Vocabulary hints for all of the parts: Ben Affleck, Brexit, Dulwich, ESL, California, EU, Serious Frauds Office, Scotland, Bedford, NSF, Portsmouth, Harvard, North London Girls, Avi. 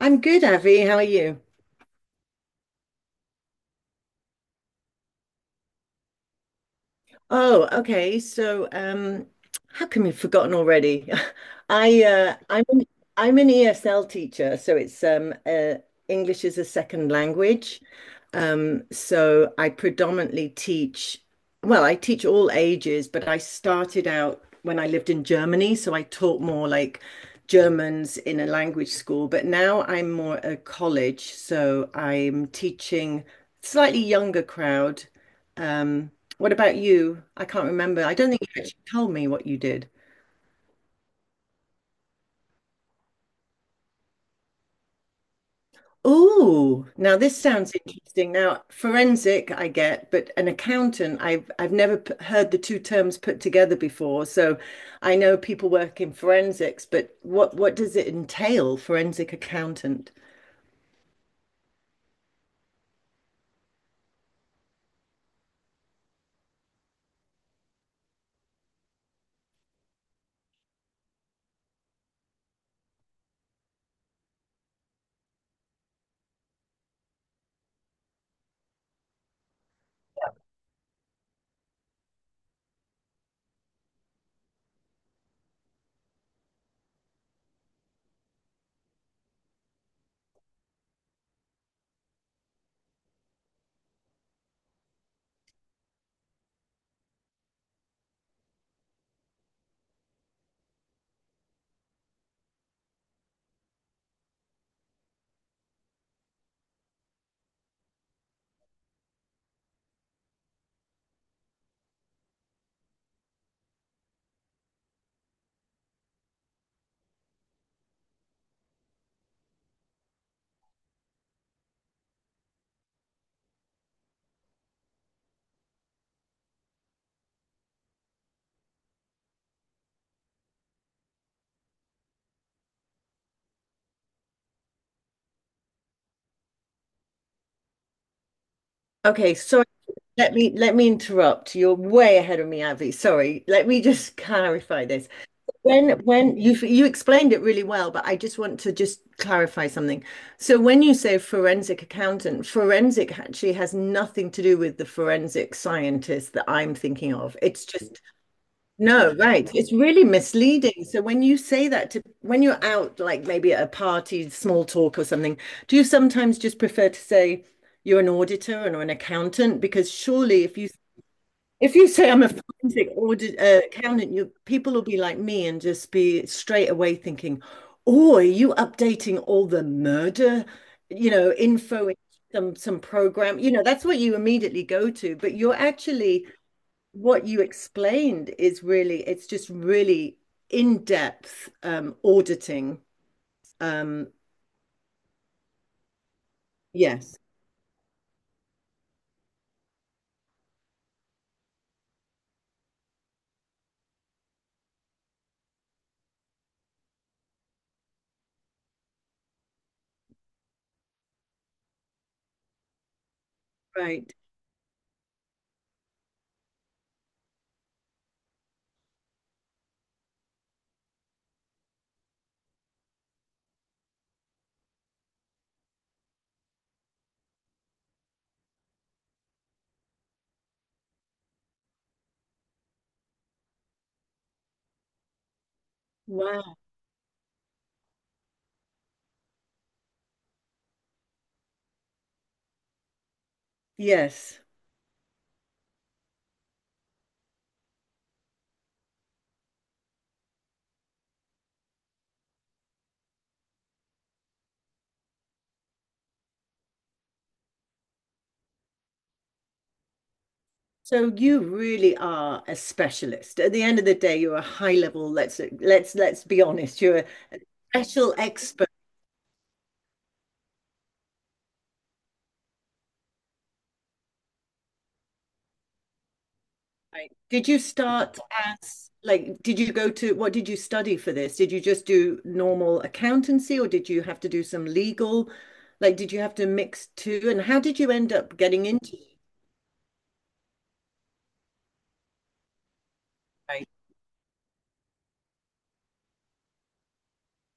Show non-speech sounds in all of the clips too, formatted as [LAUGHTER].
I'm good, Avi. How are you? Oh, okay. How come you've forgotten already? [LAUGHS] I uh, I'm an, I'm an ESL teacher, so it's English as a second language. So I predominantly teach. Well, I teach all ages, but I started out when I lived in Germany, so I taught more like Germans in a language school. But now I'm more a college, so I'm teaching slightly younger crowd. Um, what about you? I can't remember. I don't think you actually told me what you did. Oh, now this sounds interesting. Now, forensic, I get, but an accountant, I've never p heard the two terms put together before. So I know people work in forensics, but what does it entail, forensic accountant? Okay, sorry, let me interrupt. You're way ahead of me, Avi. Sorry. Let me just [LAUGHS] clarify this. When you explained it really well, but I just want to just clarify something. So when you say forensic accountant, forensic actually has nothing to do with the forensic scientist that I'm thinking of. It's just no, right. It's really misleading. So when you say that to when you're out like maybe at a party, small talk or something, do you sometimes just prefer to say you're an auditor and or an accountant? Because surely if you say I'm a [LAUGHS] forensic audit accountant, you people will be like me and just be straight away thinking, "Oh, are you updating all the murder, you know, info in some program?" You know, that's what you immediately go to. But you're actually what you explained is really it's just really in-depth auditing. Um, yes, right. Wow. Yes. So you really are a specialist. At the end of the day, you're a high level, let's be honest, you're a special expert. Right? Did you start as like did you go to what did you study for this? Did you just do normal accountancy or did you have to do some legal? Like did you have to mix two? And how did you end up getting into it? Right.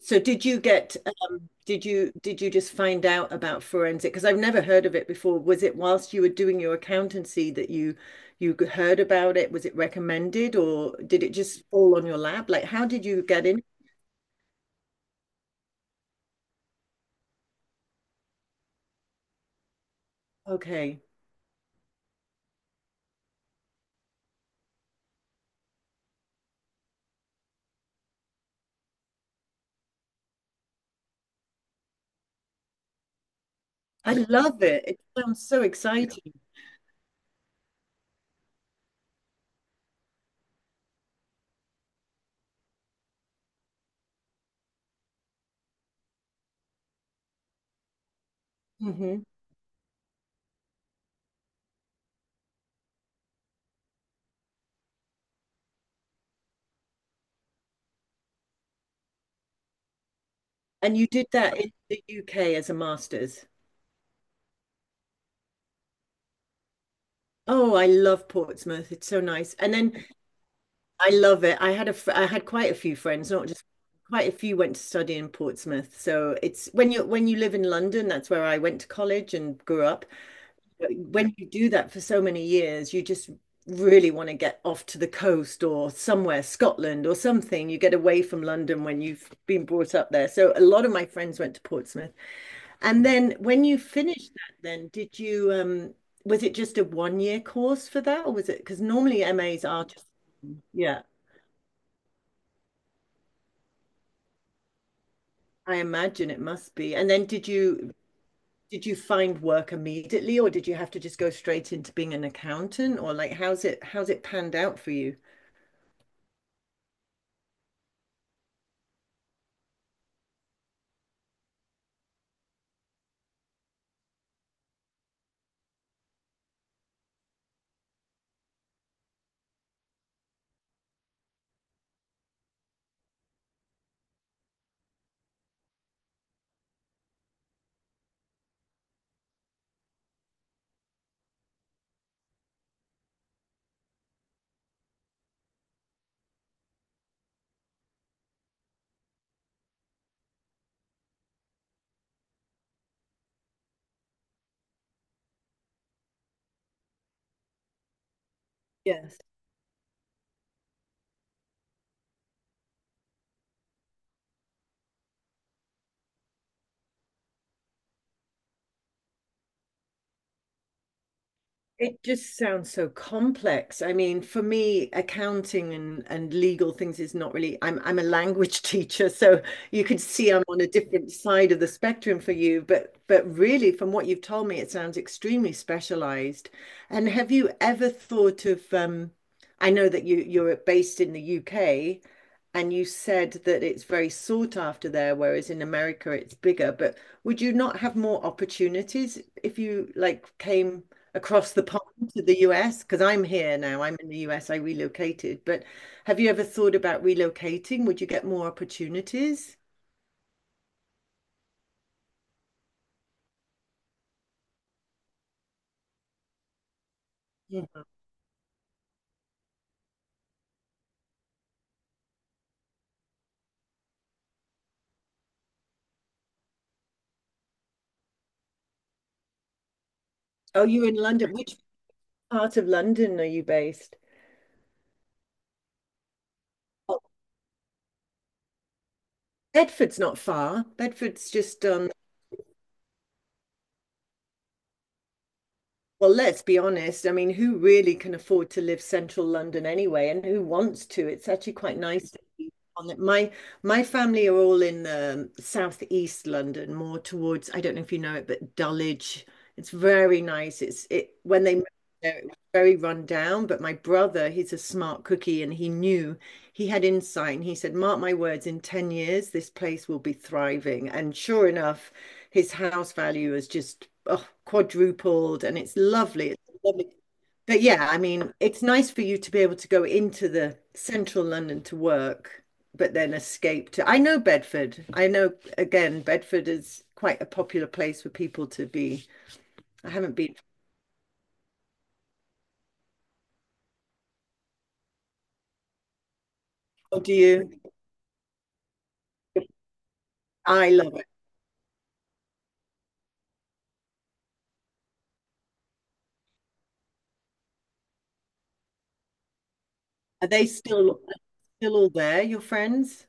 So did you get did you just find out about forensic? Because I've never heard of it before. Was it whilst you were doing your accountancy that you heard about it? Was it recommended or did it just fall on your lap? Like, how did you get in? Okay. I love it. It sounds so exciting. Hmm. And you did that in the UK as a master's. Oh, I love Portsmouth. It's so nice. And then I love it. I had a I had quite a few friends, not just quite a few went to study in Portsmouth. So it's when you live in London, that's where I went to college and grew up. But when you do that for so many years, you just really want to get off to the coast or somewhere, Scotland or something. You get away from London when you've been brought up there. So a lot of my friends went to Portsmouth. And then when you finished that, then did you was it just a one year course for that or was it because normally MAs are just yeah, I imagine it must be. And then did you find work immediately or did you have to just go straight into being an accountant or like how's it panned out for you? Yes. It just sounds so complex. I mean, for me, accounting and legal things is not really, I'm a language [LAUGHS] teacher, so you could see I'm on a different side of the spectrum for you, but really from what you've told me, it sounds extremely specialized. And have you ever thought of I know that you're based in the UK and you said that it's very sought after there, whereas in America it's bigger, but would you not have more opportunities if you like came across the pond to the US? Because I'm here now, I'm in the US, I relocated. But have you ever thought about relocating? Would you get more opportunities? Yeah. Oh, you're in London. Which part of London are you based? Oh, Bedford's not far. Bedford's just on well, let's be honest. I mean, who really can afford to live central London anyway, and who wants to? It's actually quite nice to be on it. My family are all in southeast London, more towards, I don't know if you know it, but Dulwich. It's very nice. It's it when they moved there, it was very run down, but my brother, he's a smart cookie, and he knew he had insight and he said, Mark my words, in 10 years, this place will be thriving. And sure enough, his house value has just oh, quadrupled and it's lovely. It's lovely. But yeah, I mean, it's nice for you to be able to go into the central London to work, but then escape to. I know Bedford. I know, again, Bedford is quite a popular place for people to be. I haven't been. Oh, do you? I love it. Are they still all there, your friends?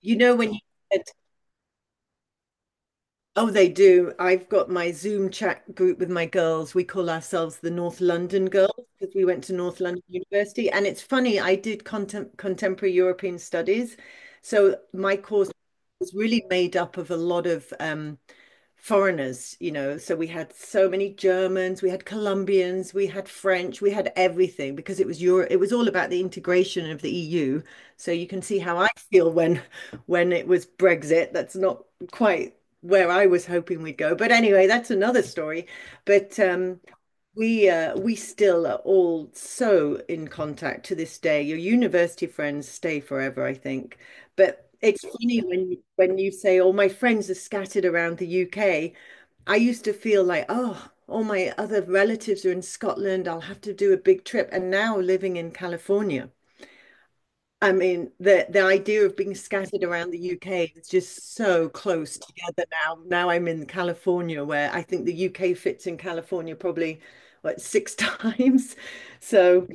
You know, when you said oh, they do. I've got my Zoom chat group with my girls. We call ourselves the North London Girls because we went to North London University. And it's funny, I did contemporary European studies. So my course was really made up of a lot of foreigners, you know. So we had so many Germans, we had Colombians, we had French, we had everything because it was Europe, it was all about the integration of the EU. So you can see how I feel when it was Brexit. That's not quite where I was hoping we'd go. But anyway, that's another story. But We still are all so in contact to this day. Your university friends stay forever, I think. But it's funny when you say, "Oh, my friends are scattered around the UK." I used to feel like, "Oh, all my other relatives are in Scotland. I'll have to do a big trip." And now living in California. I mean, the idea of being scattered around the UK is just so close together now. Now I'm in California, where I think the UK fits in California probably what six [LAUGHS] times. So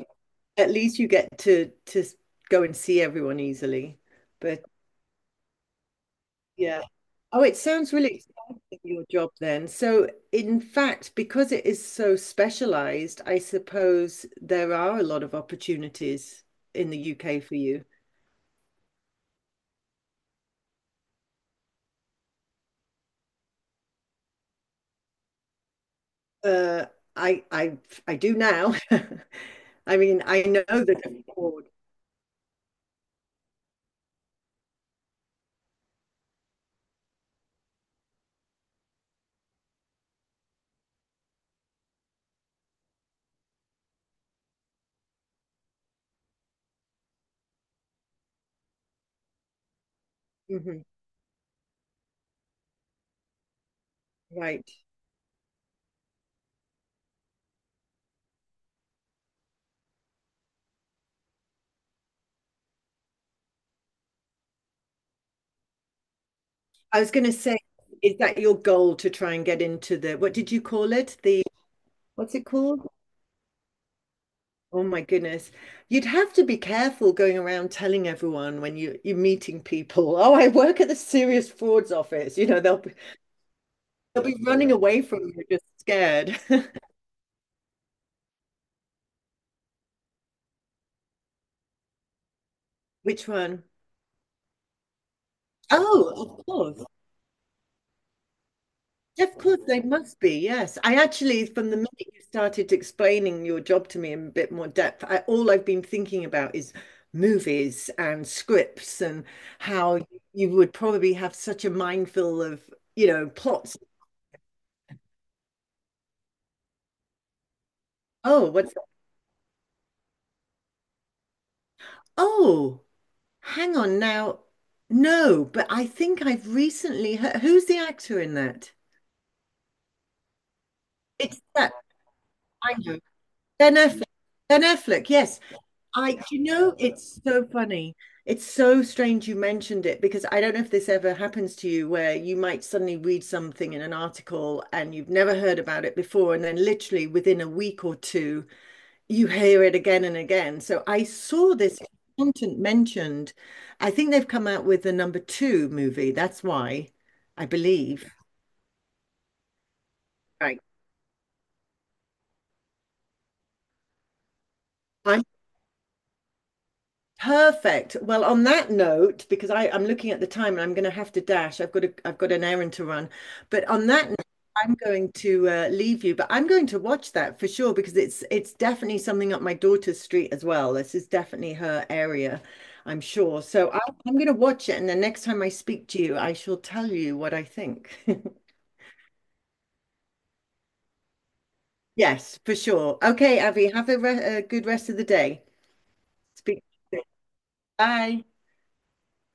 at least you get to go and see everyone easily. But yeah. Oh, it sounds really exciting, your job then. So in fact, because it is so specialized, I suppose there are a lot of opportunities in the UK for you. Uh, I I I do now. [LAUGHS] I mean, I know that I mhm, right. I was going to say, is that your goal to try and get into the, what did you call it? The, what's it called? Oh my goodness. You'd have to be careful going around telling everyone when you, you're meeting people, oh, I work at the Serious Frauds Office. You know, they'll be running away from you just scared. [LAUGHS] Which one? Oh, of course. Of course, they must be, yes. I actually, from the minute you started explaining your job to me in a bit more depth, I, all I've been thinking about is movies and scripts and how you would probably have such a mindful of, you know, plots. Oh, what's that? Oh, hang on now. No, but I think I've recently heard, who's the actor in that? It's that, I know. Ben Affleck. Ben Affleck, yes. I, you know, it's so funny. It's so strange you mentioned it because I don't know if this ever happens to you where you might suddenly read something in an article and you've never heard about it before, and then literally within a week or two, you hear it again and again. So I saw this content mentioned. I think they've come out with the number two movie. That's why I believe. Right. I'm perfect. Well, on that note, because I, I'm looking at the time and I'm going to have to dash. I've got a, I've got an errand to run. But on that note, I'm going to leave you. But I'm going to watch that for sure because it's definitely something up my daughter's street as well. This is definitely her area, I'm sure. So I, I'm going to watch it, and the next time I speak to you, I shall tell you what I think. [LAUGHS] Yes, for sure. Okay, Avi, have a, re a good rest of the day. Speak to you soon. Bye.